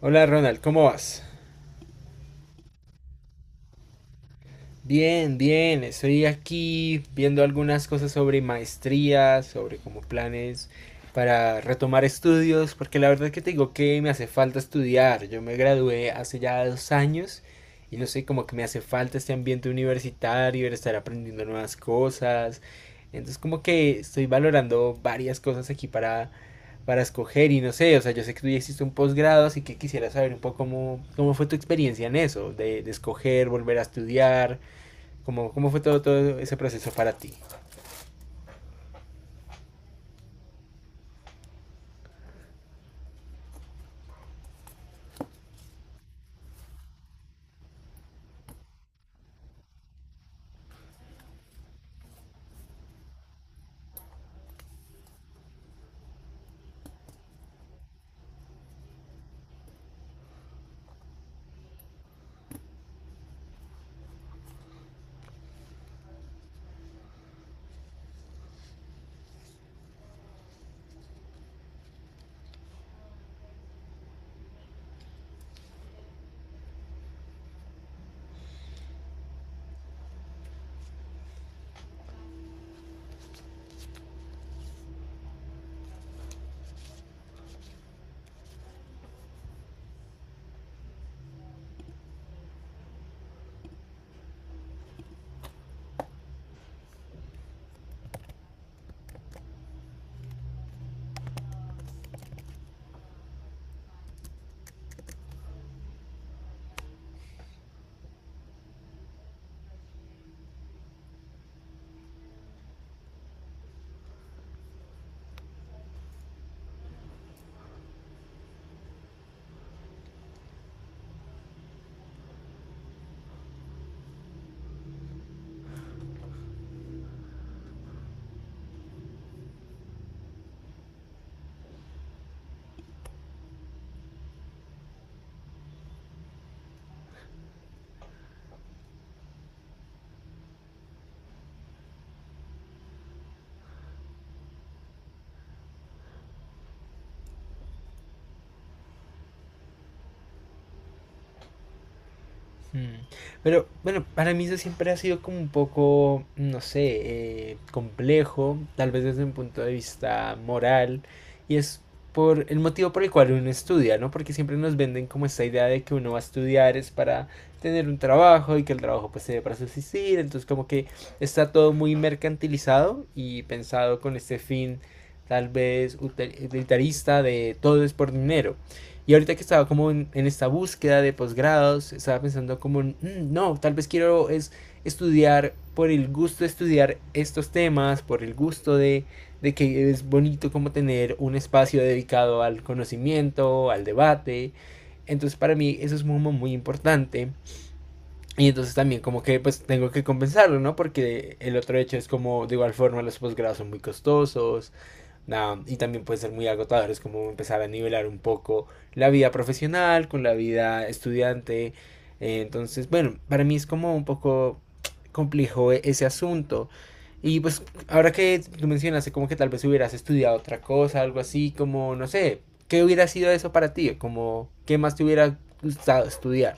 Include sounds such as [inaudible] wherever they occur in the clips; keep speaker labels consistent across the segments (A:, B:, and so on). A: Hola Ronald, ¿cómo vas? Bien, bien, estoy aquí viendo algunas cosas sobre maestrías, sobre como planes para retomar estudios, porque la verdad que te digo que me hace falta estudiar. Yo me gradué hace ya 2 años y no sé, como que me hace falta este ambiente universitario, el estar aprendiendo nuevas cosas. Entonces como que estoy valorando varias cosas aquí para escoger y no sé, o sea, yo sé que tú ya hiciste un posgrado, así que quisiera saber un poco cómo, cómo fue tu experiencia en eso, de escoger, volver a estudiar. ¿Cómo, cómo fue todo, todo ese proceso para ti? Mm. Pero bueno, para mí eso siempre ha sido como un poco, no sé, complejo, tal vez desde un punto de vista moral, y es por el motivo por el cual uno estudia, ¿no? Porque siempre nos venden como esta idea de que uno va a estudiar es para tener un trabajo y que el trabajo pues se debe para subsistir, entonces como que está todo muy mercantilizado y pensado con este fin tal vez utilitarista de todo es por dinero. Y ahorita que estaba como en esta búsqueda de posgrados, estaba pensando como, no, tal vez quiero es estudiar por el gusto de estudiar estos temas, por el gusto de que es bonito como tener un espacio dedicado al conocimiento, al debate. Entonces para mí eso es muy, muy importante. Y entonces también como que pues tengo que compensarlo, ¿no? Porque el otro hecho es como de igual forma los posgrados son muy costosos. Nah, y también puede ser muy agotador, es como empezar a nivelar un poco la vida profesional con la vida estudiante. Entonces, bueno, para mí es como un poco complejo ese asunto. Y pues ahora que tú mencionaste como que tal vez hubieras estudiado otra cosa, algo así, como no sé, ¿qué hubiera sido eso para ti? Como, ¿qué más te hubiera gustado estudiar?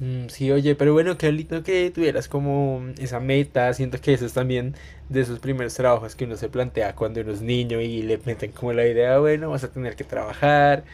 A: Mm. Sí, oye, pero bueno, qué lindo que tuvieras como esa meta. Siento que eso es también de esos primeros trabajos que uno se plantea cuando uno es niño y le meten como la idea, "Ah, bueno, vas a tener que trabajar,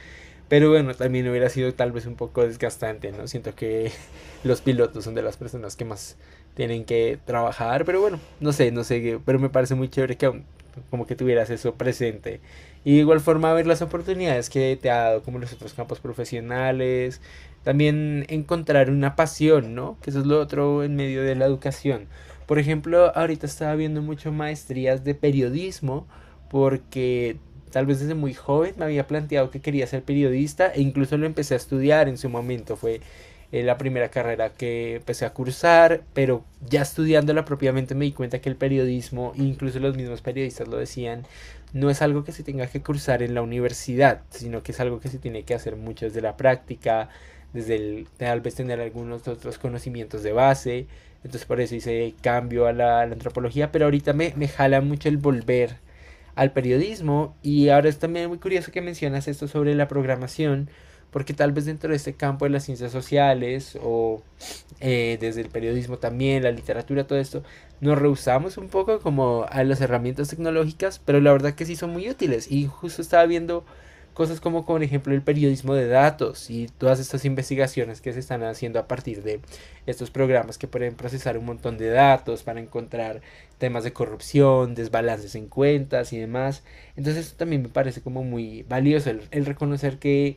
A: pero bueno, también hubiera sido tal vez un poco desgastante, ¿no?" Siento que [laughs] los pilotos son de las personas que más tienen que trabajar, pero bueno, no sé, no sé, pero me parece muy chévere que aún como que tuvieras eso presente. Y de igual forma ver las oportunidades que te ha dado como los otros campos profesionales, también encontrar una pasión, ¿no? Que eso es lo otro en medio de la educación. Por ejemplo, ahorita estaba viendo mucho maestrías de periodismo porque tal vez desde muy joven me había planteado que quería ser periodista e incluso lo empecé a estudiar en su momento, fue la primera carrera que empecé a cursar, pero ya estudiándola propiamente me di cuenta que el periodismo, incluso los mismos periodistas lo decían, no es algo que se tenga que cursar en la universidad, sino que es algo que se tiene que hacer mucho desde la práctica, desde el, tal vez tener algunos otros conocimientos de base, entonces por eso hice cambio a a la antropología, pero ahorita me jala mucho el volver al periodismo y ahora es también muy curioso que mencionas esto sobre la programación porque tal vez dentro de este campo de las ciencias sociales o desde el periodismo también, la literatura, todo esto, nos rehusamos un poco como a las herramientas tecnológicas, pero la verdad que sí son muy útiles. Y justo estaba viendo cosas como, por ejemplo, el periodismo de datos y todas estas investigaciones que se están haciendo a partir de estos programas que pueden procesar un montón de datos para encontrar temas de corrupción, desbalances en cuentas y demás. Entonces eso también me parece como muy valioso el reconocer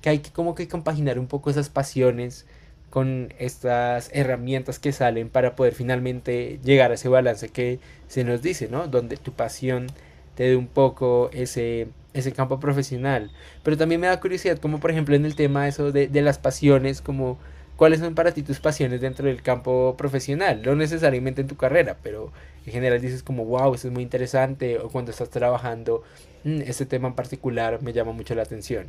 A: que hay que como que compaginar un poco esas pasiones con estas herramientas que salen para poder finalmente llegar a ese balance que se nos dice, ¿no? Donde tu pasión te dé un poco ese, ese campo profesional. Pero también me da curiosidad, como por ejemplo en el tema eso de las pasiones, como cuáles son para ti tus pasiones dentro del campo profesional, no necesariamente en tu carrera, pero en general dices como, wow, esto es muy interesante, o cuando estás trabajando, mmm, este tema en particular me llama mucho la atención.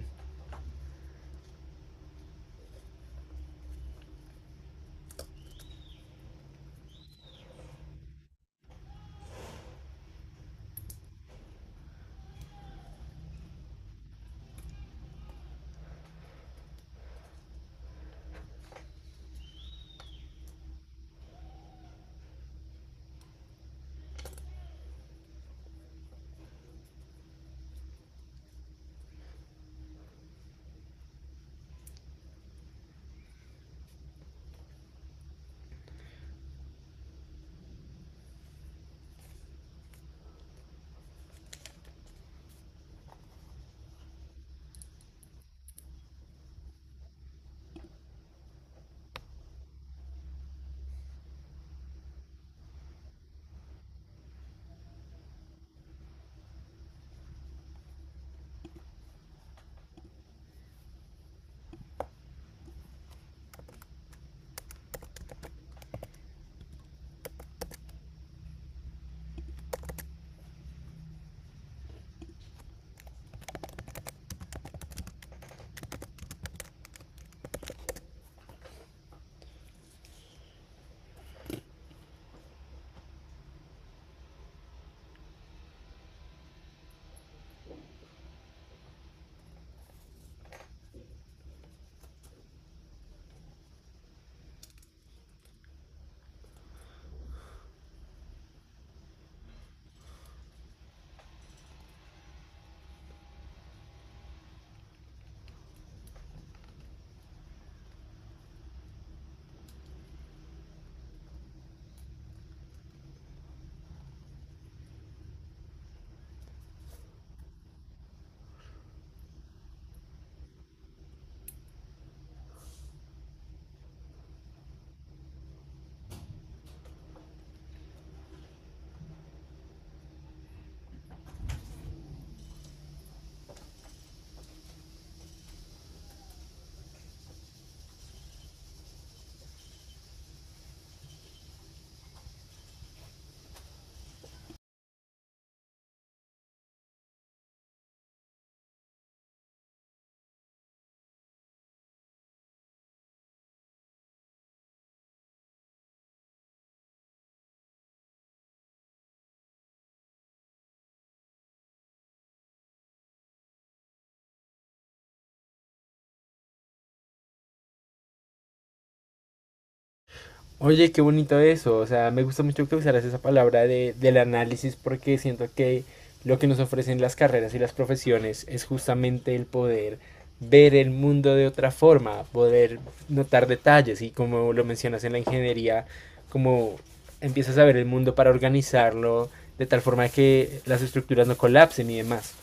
A: Oye, qué bonito eso. O sea, me gusta mucho que usaras esa palabra de, del análisis porque siento que lo que nos ofrecen las carreras y las profesiones es justamente el poder ver el mundo de otra forma, poder notar detalles y como lo mencionas en la ingeniería, como empiezas a ver el mundo para organizarlo de tal forma que las estructuras no colapsen y demás.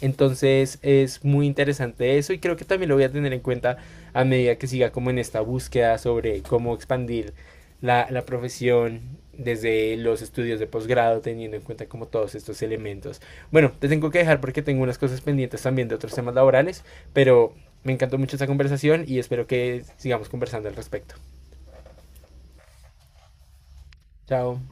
A: Entonces es muy interesante eso y creo que también lo voy a tener en cuenta a medida que siga como en esta búsqueda sobre cómo expandir la profesión desde los estudios de posgrado, teniendo en cuenta como todos estos elementos. Bueno, te tengo que dejar porque tengo unas cosas pendientes también de otros temas laborales, pero me encantó mucho esta conversación y espero que sigamos conversando al respecto. Chao.